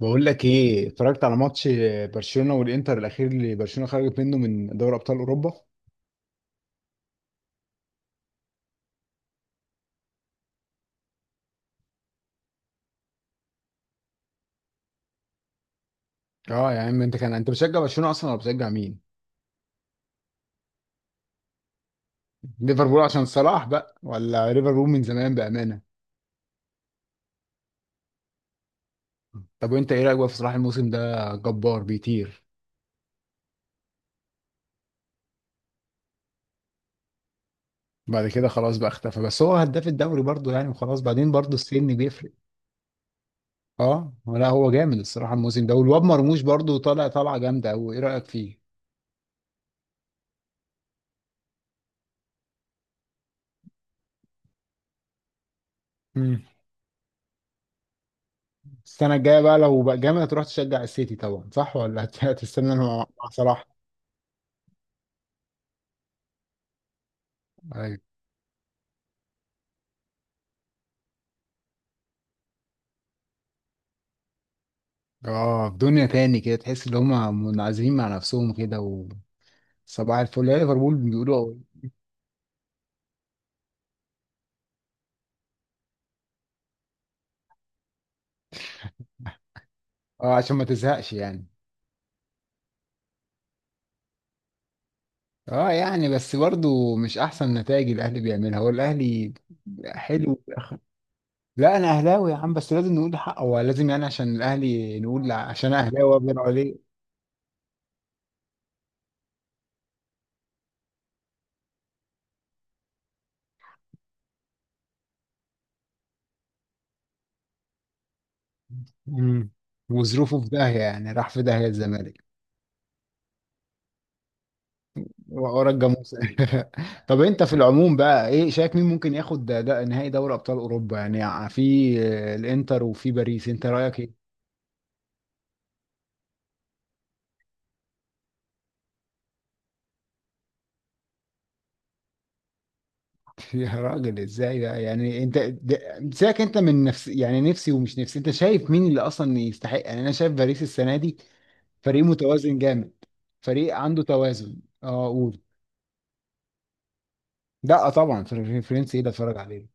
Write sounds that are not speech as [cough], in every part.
بقول لك ايه، اتفرجت على ماتش برشلونه والانتر الاخير اللي برشلونه خرجت منه من دوري ابطال اوروبا. اه يا عم، انت بتشجع برشلونه اصلا ولا بتشجع مين؟ ليفربول عشان صلاح بقى، ولا ليفربول من زمان بامانه؟ طب وانت ايه رايك بقى في صلاح؟ الموسم ده جبار، بيطير. بعد كده خلاص بقى اختفى، بس هو هداف الدوري برضه يعني، وخلاص بعدين برضه السن بيفرق. اه لا هو جامد الصراحه الموسم ده، والواد مرموش برضه طالع طالعه جامده قوي، ايه رايك فيه؟ السنة الجاية بقى لو بقى جامد هتروح تشجع السيتي طبعا، صح ولا هتستنى إنه مع صلاح؟ ايوه. اه، في دنيا تاني كده تحس ان هم منعزلين مع نفسهم كده. وصباح الفل يا ليفربول، بيقولوا. اه آه، عشان ما تزهقش يعني. اه يعني، بس برضو مش احسن نتائج الاهلي بيعملها هو الاهلي. حلو. لا انا اهلاوي يا عم، بس لازم نقول حقه هو، لازم يعني عشان الاهلي نقول عشان اهلاوي وابن عليه. مم. وظروفه في داهية، يعني راح في داهية الزمالك. ورا الجاموس. [laughs] طب انت في العموم بقى ايه، شايف مين ممكن ياخد ده نهائي دوري ابطال اوروبا يعني، في آه، الانتر وفي باريس، انت رايك ايه؟ [laughs] يا راجل ازاي بقى يعني، سيبك انت من نفس يعني نفسي ومش نفسي، انت شايف مين اللي اصلا يستحق؟ يعني انا شايف باريس السنه دي فريق متوازن جامد. فريق عنده توازن. اه، قول. لا طبعا، فرنسي ايه ده اتفرج عليه.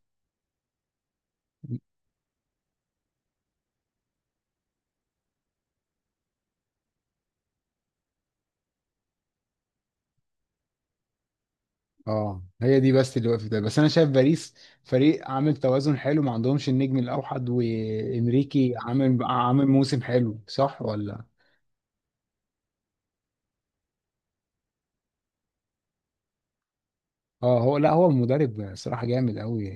اه، هي دي بس اللي وقفت. بس انا شايف باريس فريق عامل توازن حلو، ما عندهمش النجم الاوحد، وانريكي عامل موسم حلو صح ولا؟ اه، هو لا هو المدرب صراحة جامد قوي،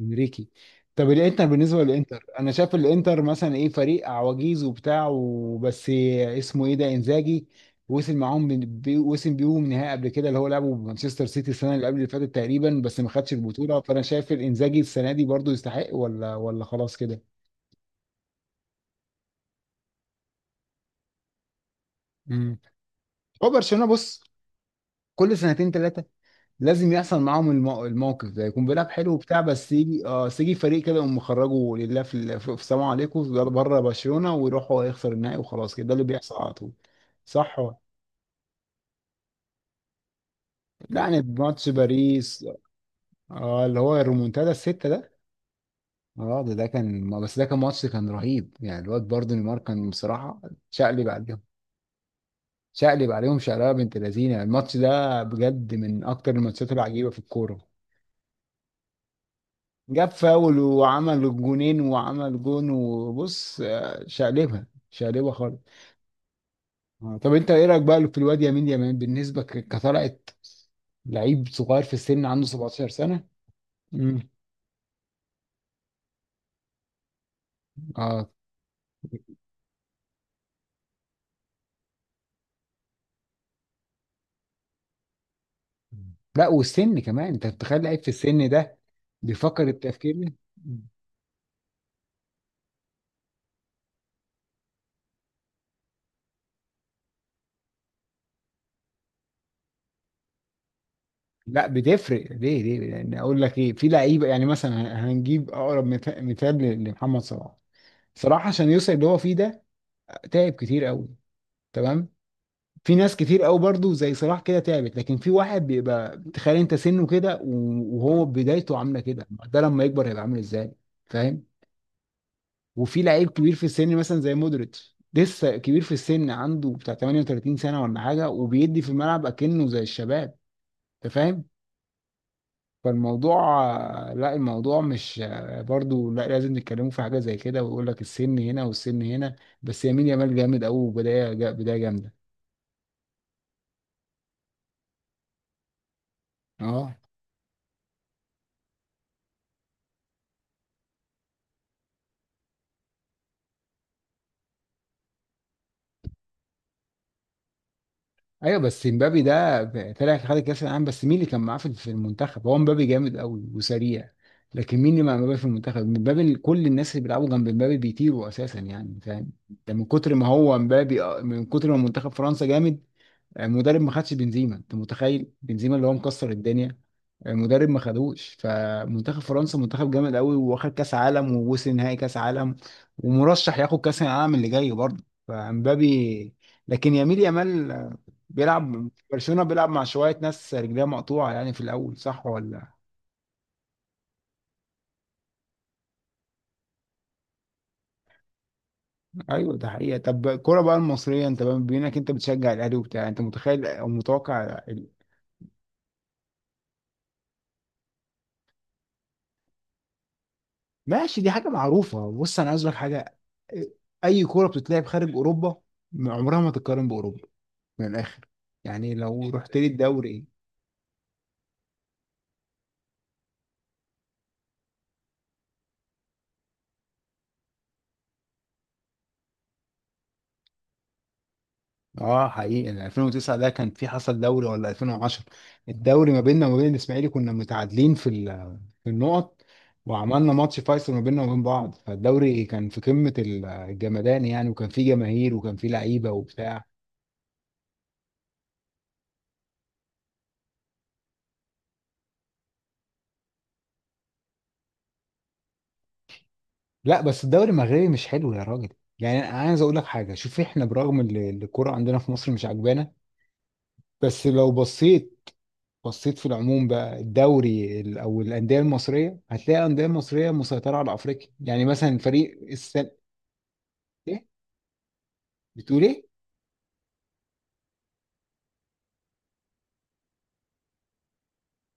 انريكي. طب الانتر، بالنسبة للانتر انا شايف الانتر مثلا ايه، فريق عواجيز وبتاع، وبس اسمه ايه ده انزاجي. وصل معاهم من- بي- وصل بيهم نهائي قبل كده، اللي هو لعبه بمانشستر سيتي السنه اللي قبل اللي فاتت تقريبا، بس ما خدش البطوله، فانا شايف الانزاجي السنه دي برضو يستحق ولا خلاص كده؟ مم. هو برشلونه بص، كل سنتين ثلاثه لازم يحصل معاهم الموقف ده، يكون بيلعب حلو وبتاع، بس يجي فريق كده، يقوم مخرجه لله في السلام عليكم بره برشلونه، ويروح هو يخسر النهائي وخلاص كده، ده اللي بيحصل على طول. صح هو. يعني ماتش باريس. اه، اللي هو الريمونتادا السته ده. اه، ده كان ماتش كان رهيب يعني، الواد برضه نيمار كان بصراحه. شقلب عليهم شقلب عليهم شقلبه بنت لذينه، الماتش ده بجد من اكتر الماتشات العجيبه في الكوره. جاب فاول، وعمل جونين، وعمل جون وبص آه، شقلبها شقلبها خالص. آه، طب انت ايه رايك بقى في الواد يمين يمين، بالنسبه كطلعت، لعيب صغير في السن عنده 17 سنه. امم اه لا، والسن كمان انت تخيل لعيب في السن ده بيفكر التفكير ده. مم. لا بتفرق، ليه؟ لان اقول لك ايه، في لعيبه يعني مثلا هنجيب اقرب مثال لمحمد صلاح. صلاح عشان يوصل اللي هو فيه ده تعب كتير قوي. تمام. في ناس كتير قوي برضو زي صلاح كده تعبت، لكن في واحد بيبقى، تخيل انت سنه كده وهو بدايته عامله كده، ده لما يكبر هيبقى عامل ازاي، فاهم؟ وفي لعيب كبير في السن مثلا زي مودريتش، لسه كبير في السن عنده بتاع 38 سنه ولا حاجه، وبيدي في الملعب اكنه زي الشباب. انت فاهم. فالموضوع. لا الموضوع مش، برضو لا لازم نتكلموا في حاجه زي كده ويقول لك السن هنا والسن هنا. بس يمين يامال جامد قوي، وبدايه جامده. اه. ايوه، بس مبابي ده طلع خد كاس العالم، بس مين اللي كان معاه في المنتخب؟ هو مبابي جامد قوي وسريع. لكن مين اللي مع مبابي في المنتخب؟ كل الناس اللي بيلعبوا جنب مبابي بيطيروا اساسا يعني، فاهم؟ ده من كتر ما منتخب فرنسا جامد. مدرب ما خدش بنزيما، انت متخيل بنزيما اللي هو مكسر الدنيا. مدرب ما خدوش، فمنتخب فرنسا منتخب جامد قوي، واخد كاس عالم، ووصل نهائي كاس عالم. ومرشح ياخد كاس العالم اللي جاي برضه، فامبابي. لكن يميل يامال بيلعب برشلونة، بيلعب مع شوية ناس رجليها مقطوعة يعني في الأول، صح ولا؟ أيوه، ده حقيقة. طب الكورة بقى المصرية، أنت بما إنك أنت بتشجع الأهلي وبتاع، أنت متخيل أو متوقع؟ ماشي، دي حاجة معروفة، بص أنا عايز لك حاجة. أي كورة بتتلعب خارج أوروبا عمرها ما تتقارن بأوروبا، من الآخر. يعني لو رحت لي الدوري. اه حقيقي، ال 2009 ده كان في حصل دوري، ولا 2010؟ الدوري ما بيننا وما بين الإسماعيلي كنا متعادلين في النقط. وعملنا ماتش فيصل ما بيننا وبين بعض، فالدوري كان في قمة الجمدان يعني، وكان فيه جماهير، وكان فيه لعيبة وبتاع. لا بس الدوري المغربي مش حلو يا راجل. يعني انا عايز اقول لك حاجه، شوف احنا برغم ان الكوره عندنا في مصر مش عجبانا. بس لو بصيت في العموم بقى الدوري او الانديه المصريه، هتلاقي الانديه المصريه مسيطره على افريقيا، يعني مثلا فريق السنه. ايه؟ بتقول ايه؟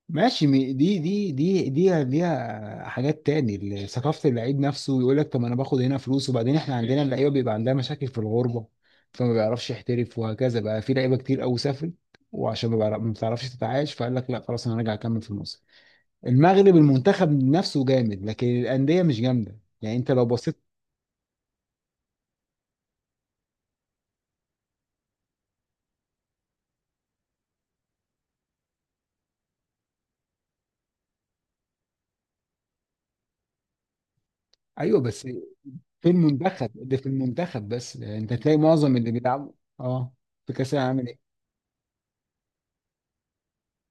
ماشي، دي ليها حاجات تاني، ثقافة اللعيب نفسه يقول لك طب ما انا باخد هنا فلوس، وبعدين احنا عندنا اللعيبة بيبقى عندها مشاكل في الغربة. فما بيعرفش يحترف، وهكذا بقى في لعيبة كتير قوي سافرت. وعشان ما بتعرفش تتعايش، فقال لك لا خلاص انا راجع اكمل في مصر. المغرب المنتخب نفسه جامد، لكن الأندية مش جامدة يعني انت لو بصيت. ايوه بس في المنتخب، اللي في المنتخب بس يعني انت تلاقي معظم اللي بيلعبوا اه في كأس العالم.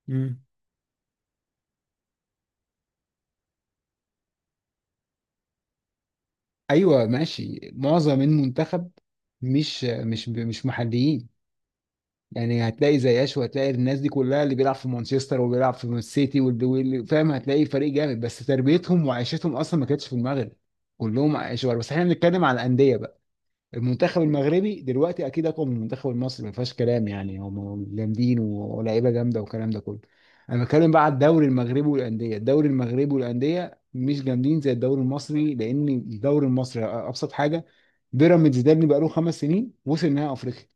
ايه، ايوه ماشي، معظم المنتخب مش محليين. يعني هتلاقي زي اشو، هتلاقي الناس دي كلها اللي بيلعب في مانشستر وبيلعب في السيتي واللي فاهم، هتلاقي فريق جامد، بس تربيتهم وعيشتهم اصلا ما كانتش في المغرب. كلهم عايشوا بره. بس احنا بنتكلم على الانديه بقى. المنتخب المغربي دلوقتي اكيد اقوى من المنتخب المصري ما فيهاش كلام يعني، هم جامدين ولاعيبه جامده والكلام ده كله. انا بتكلم بقى على الدوري المغربي والانديه، الدوري المغربي والانديه مش جامدين زي الدوري المصري، لان الدوري المصري ابسط حاجه. بيراميدز ده اللي بقاله 5 سنين وصل نهائي افريقيا.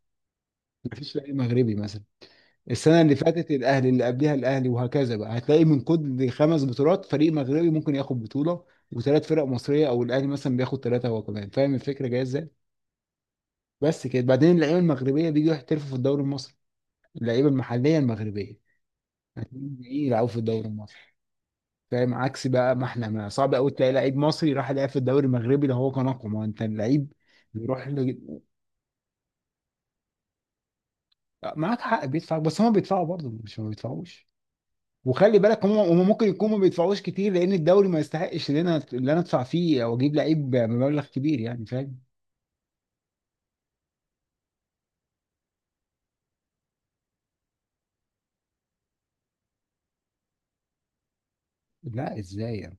ما فيش فريق مغربي مثلا. السنه اللي فاتت الاهلي، اللي قبلها الاهلي، وهكذا بقى. هتلاقي من كل خمس بطولات فريق مغربي ممكن ياخد بطوله. وثلاث فرق مصريه، او الاهلي مثلا بياخد ثلاثه هو كمان، فاهم الفكره جايه ازاي؟ بس كده. بعدين اللعيبه المغربيه بيجوا يحترفوا في الدوري المصري، اللعيبه المحليه المغربيه. هتلاقيهم جايين يلعبوا في الدوري المصري. فاهم عكس بقى، ما احنا، ما صعب قوي تلاقي لعيب مصري راح يلعب في الدوري المغربي، ده هو كان اقوى ما هو انت اللعيب. بيروح ل... معاك حق بيدفع، بس هم بيدفعوا برضه مش ما بيدفعوش. وخلي بالك هم ممكن يكونوا ما بيدفعوش كتير، لان الدوري ما يستحقش ان انا ادفع فيه او اجيب لعيب بمبلغ كبير يعني، فاهم؟ لا ازاي يعني؟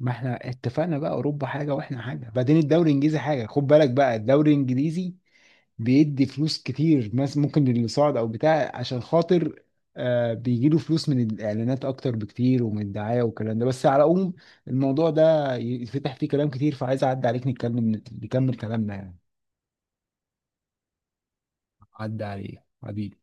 ما احنا اتفقنا بقى، اوروبا حاجه واحنا حاجه، بعدين الدوري الانجليزي حاجه، خد بالك بقى. الدوري الانجليزي بيدي فلوس كتير مثلا ممكن للي صعد او بتاع عشان خاطر، آه، بيجي له فلوس من الاعلانات اكتر بكتير ومن الدعايه والكلام ده. بس على العموم الموضوع ده يفتح فيه كلام كتير، فعايز اعدي عليك نتكلم نكمل كلامنا يعني. عدى عليك حبيبي.